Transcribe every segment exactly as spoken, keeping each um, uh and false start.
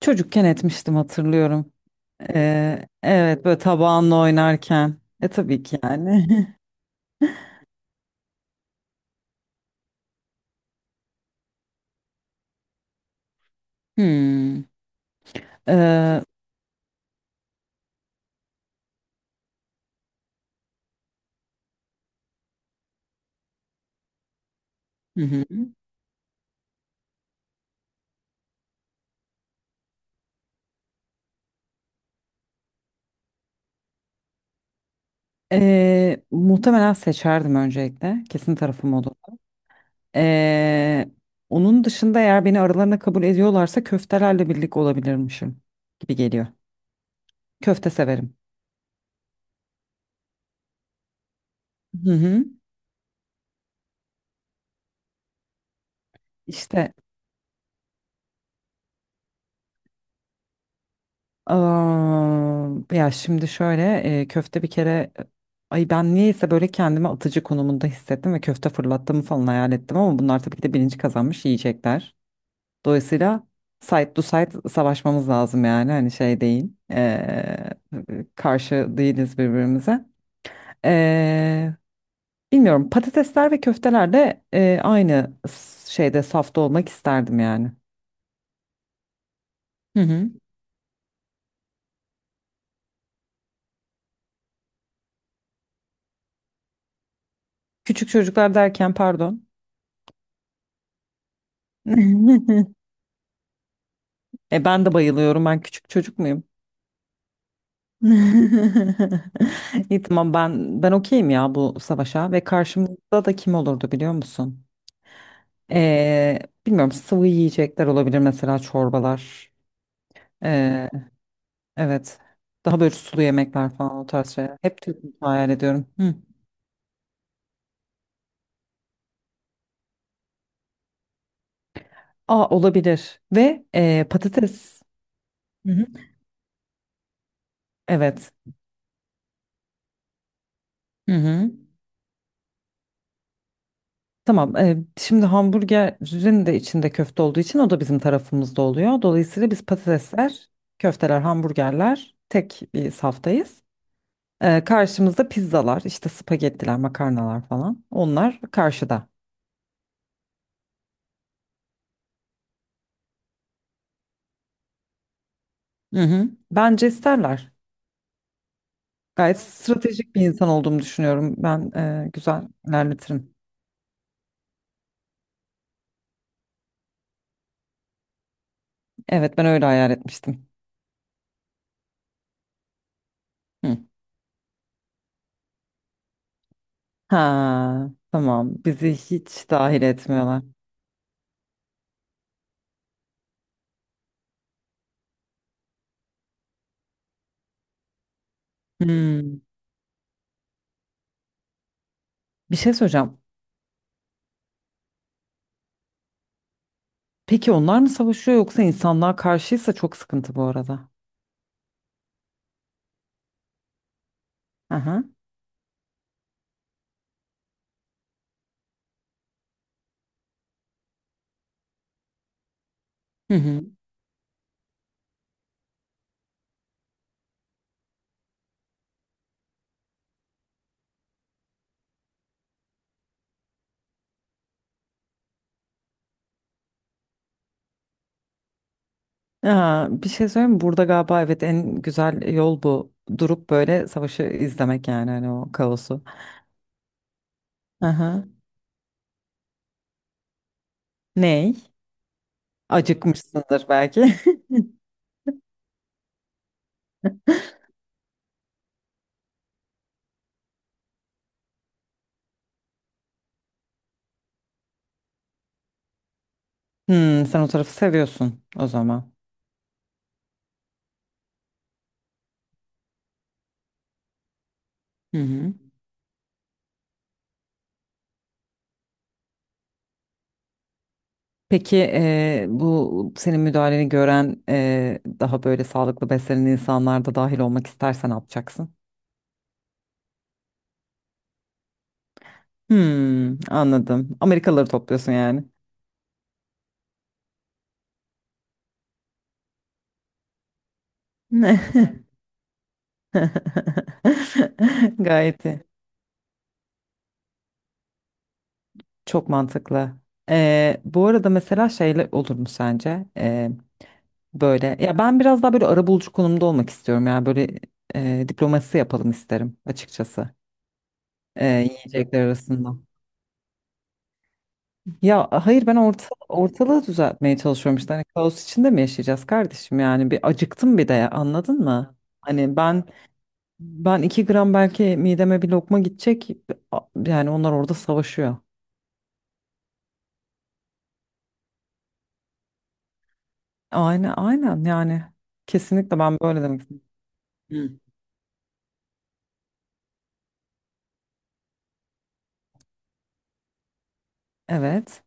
Çocukken etmiştim hatırlıyorum. Ee, evet, böyle tabağınla oynarken. E, tabii ki yani. Hmm. Ee, hı hı. Ee, muhtemelen seçerdim öncelikle. Kesin tarafım olur. Ee, Onun dışında eğer beni aralarına kabul ediyorlarsa köftelerle birlik olabilirmişim gibi geliyor. Köfte severim. Hı hı. İşte. Aa, ya şimdi şöyle e, köfte bir kere, ay ben niyeyse böyle kendimi atıcı konumunda hissettim ve köfte fırlattığımı falan hayal ettim, ama bunlar tabii ki de bilinci kazanmış yiyecekler. Dolayısıyla side to side savaşmamız lazım, yani hani şey değil, e, karşı değiliz birbirimize. E, Bilmiyorum, patatesler ve köfteler de e, aynı s- şeyde, safta olmak isterdim yani. Hı hı. Küçük çocuklar derken, pardon. E ben de bayılıyorum. Ben küçük çocuk muyum? İyi, tamam, ben ben okeyim ya bu savaşa. Ve karşımızda da kim olurdu, biliyor musun? Ee, Bilmiyorum, sıvı yiyecekler olabilir, mesela çorbalar. Ee, evet. Daha böyle sulu yemekler falan, o tarz şeyler. Hep Türk mutfağı hayal ediyorum. Hı. Aa, olabilir. Ve ee, patates. Hı hı. Evet. Hı hı. Tamam. E, şimdi hamburgerin de içinde köfte olduğu için o da bizim tarafımızda oluyor. Dolayısıyla biz patatesler, köfteler, hamburgerler tek bir saftayız. E, karşımızda pizzalar, işte spagettiler, makarnalar falan. Onlar karşıda. Hı hı. Bence isterler. Gayet stratejik bir insan olduğumu düşünüyorum. Ben e, güzel ilerletirim. Evet, ben öyle hayal etmiştim. Hı. Ha, tamam. Bizi hiç dahil etmiyorlar. Hmm. Bir şey söyleyeceğim. Peki onlar mı savaşıyor yoksa insanlığa karşıysa çok sıkıntı bu arada. Aha. Hı hı. Ya, bir şey söyleyeyim mi? Burada galiba evet en güzel yol bu. Durup böyle savaşı izlemek, yani hani o kaosu. Aha. Ney? Acıkmışsındır belki. Hmm, sen o tarafı seviyorsun o zaman. Hı hı. Peki eee, bu senin müdahaleni gören eee, daha böyle sağlıklı beslenen insanlar da dahil olmak istersen ne yapacaksın? Hmm, anladım. Amerikalıları topluyorsun yani. Gayet iyi. Çok mantıklı. Ee, bu arada mesela şeyle olur mu sence? Ee, böyle ya, ben biraz daha böyle arabulucu konumda olmak istiyorum. Yani böyle e, diplomasi yapalım isterim açıkçası. Ee, yiyecekler arasında. Ya hayır, ben orta, ortalığı düzeltmeye çalışıyorum işte. Hani kaos içinde mi yaşayacağız kardeşim? Yani bir acıktım bir de ya, anladın mı? Hani ben ben iki gram belki mideme bir lokma gidecek. a- Yani onlar orada savaşıyor. Aynen aynen, yani kesinlikle ben böyle demek istedim. Hı. Evet,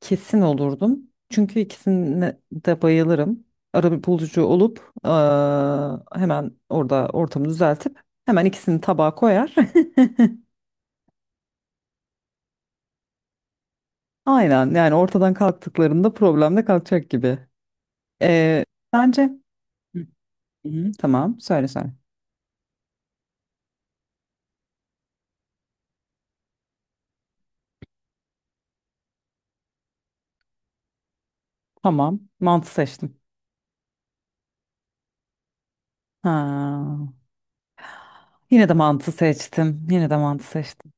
kesin olurdum. Çünkü ikisine de bayılırım. Ara bulucu olup eee, hemen orada ortamı düzeltip hemen ikisini tabağa koyar. Aynen, yani ortadan kalktıklarında problem de kalkacak gibi. Eee bence. Hı hı. Tamam, söyle söyle. Tamam, mantı seçtim. Ha, yine de mantı seçtim. Yine de mantı seçtim.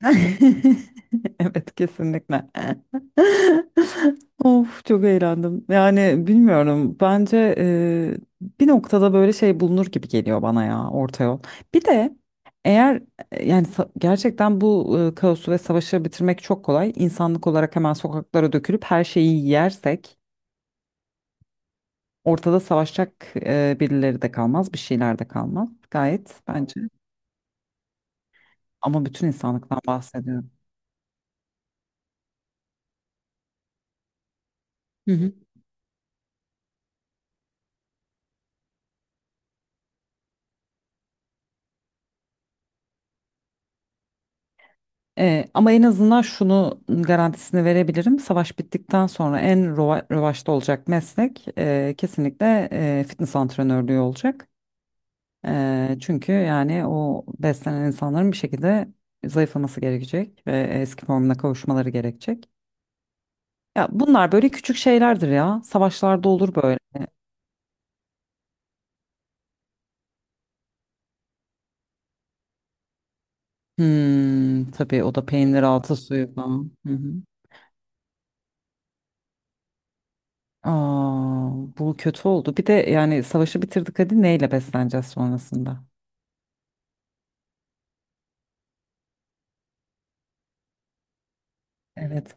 Evet, kesinlikle. Of, çok eğlendim. Yani bilmiyorum. Bence e, bir noktada böyle şey bulunur gibi geliyor bana ya, orta yol. Bir de eğer e, yani sa- gerçekten bu e, kaosu ve savaşı bitirmek çok kolay. İnsanlık olarak hemen sokaklara dökülüp her şeyi yersek ortada savaşacak e, birileri de kalmaz, bir şeyler de kalmaz. Gayet bence. Ama bütün insanlıktan bahsediyorum. Ee, ama en azından şunu garantisini verebilirim. Savaş bittikten sonra en rova- revaçta olacak meslek e, kesinlikle e, fitness antrenörlüğü olacak. E, çünkü yani o beslenen insanların bir şekilde zayıflaması gerekecek ve eski formuna kavuşmaları gerekecek. Ya bunlar böyle küçük şeylerdir ya. Savaşlarda olur böyle. Hmm, tabii o da peynir altı suyu falan. Hı hı. Aa, bu kötü oldu. Bir de yani savaşı bitirdik, hadi neyle besleneceğiz sonrasında? Evet.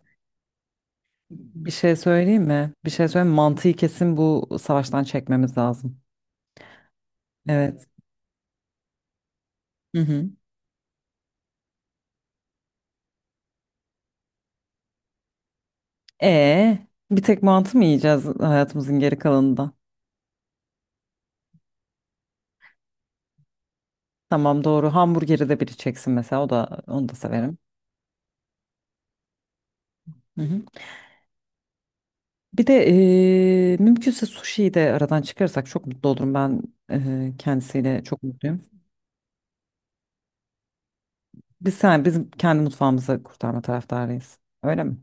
Bir şey söyleyeyim mi? Bir şey söyleyeyim mi? Mantıyı kesin bu savaştan çekmemiz lazım. Evet. Hı hı. E bir tek mantı mı yiyeceğiz hayatımızın geri kalanında? Tamam doğru. Hamburgeri de biri çeksin mesela. O da, onu da severim. Hı hı. Bir de e, mümkünse sushi'yi de aradan çıkarırsak çok mutlu olurum. Ben e, kendisiyle çok mutluyum. Biz sen bizim kendi mutfağımızı kurtarma taraftarıyız. Öyle mi?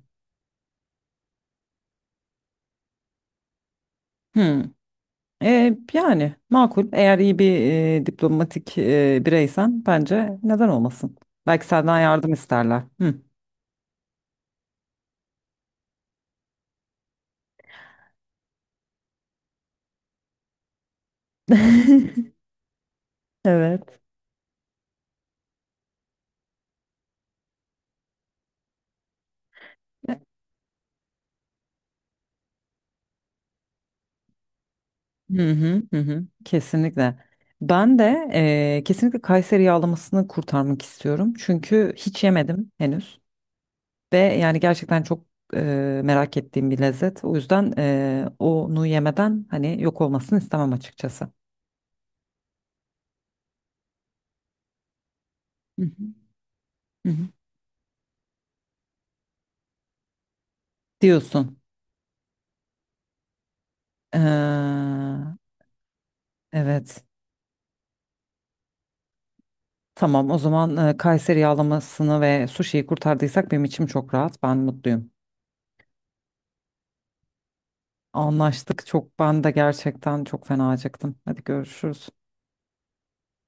Hı. E, yani makul. Eğer iyi bir e, diplomatik e, bireysen bence neden olmasın? Belki senden yardım isterler. Hı. Evet. Hı hı hı hı. Kesinlikle. Ben de eee, kesinlikle Kayseri yağlamasını kurtarmak istiyorum. Çünkü hiç yemedim henüz. Ve yani gerçekten çok eee, merak ettiğim bir lezzet. O yüzden eee, onu yemeden hani yok olmasını istemem açıkçası. Hı hı. Hı hı. Diyorsun. Eee, evet. Tamam, o zaman e, Kayseri yağlamasını ve suşiyi kurtardıysak benim içim çok rahat. Ben mutluyum. Anlaştık. Çok, ben de gerçekten çok fena acıktım. Hadi görüşürüz.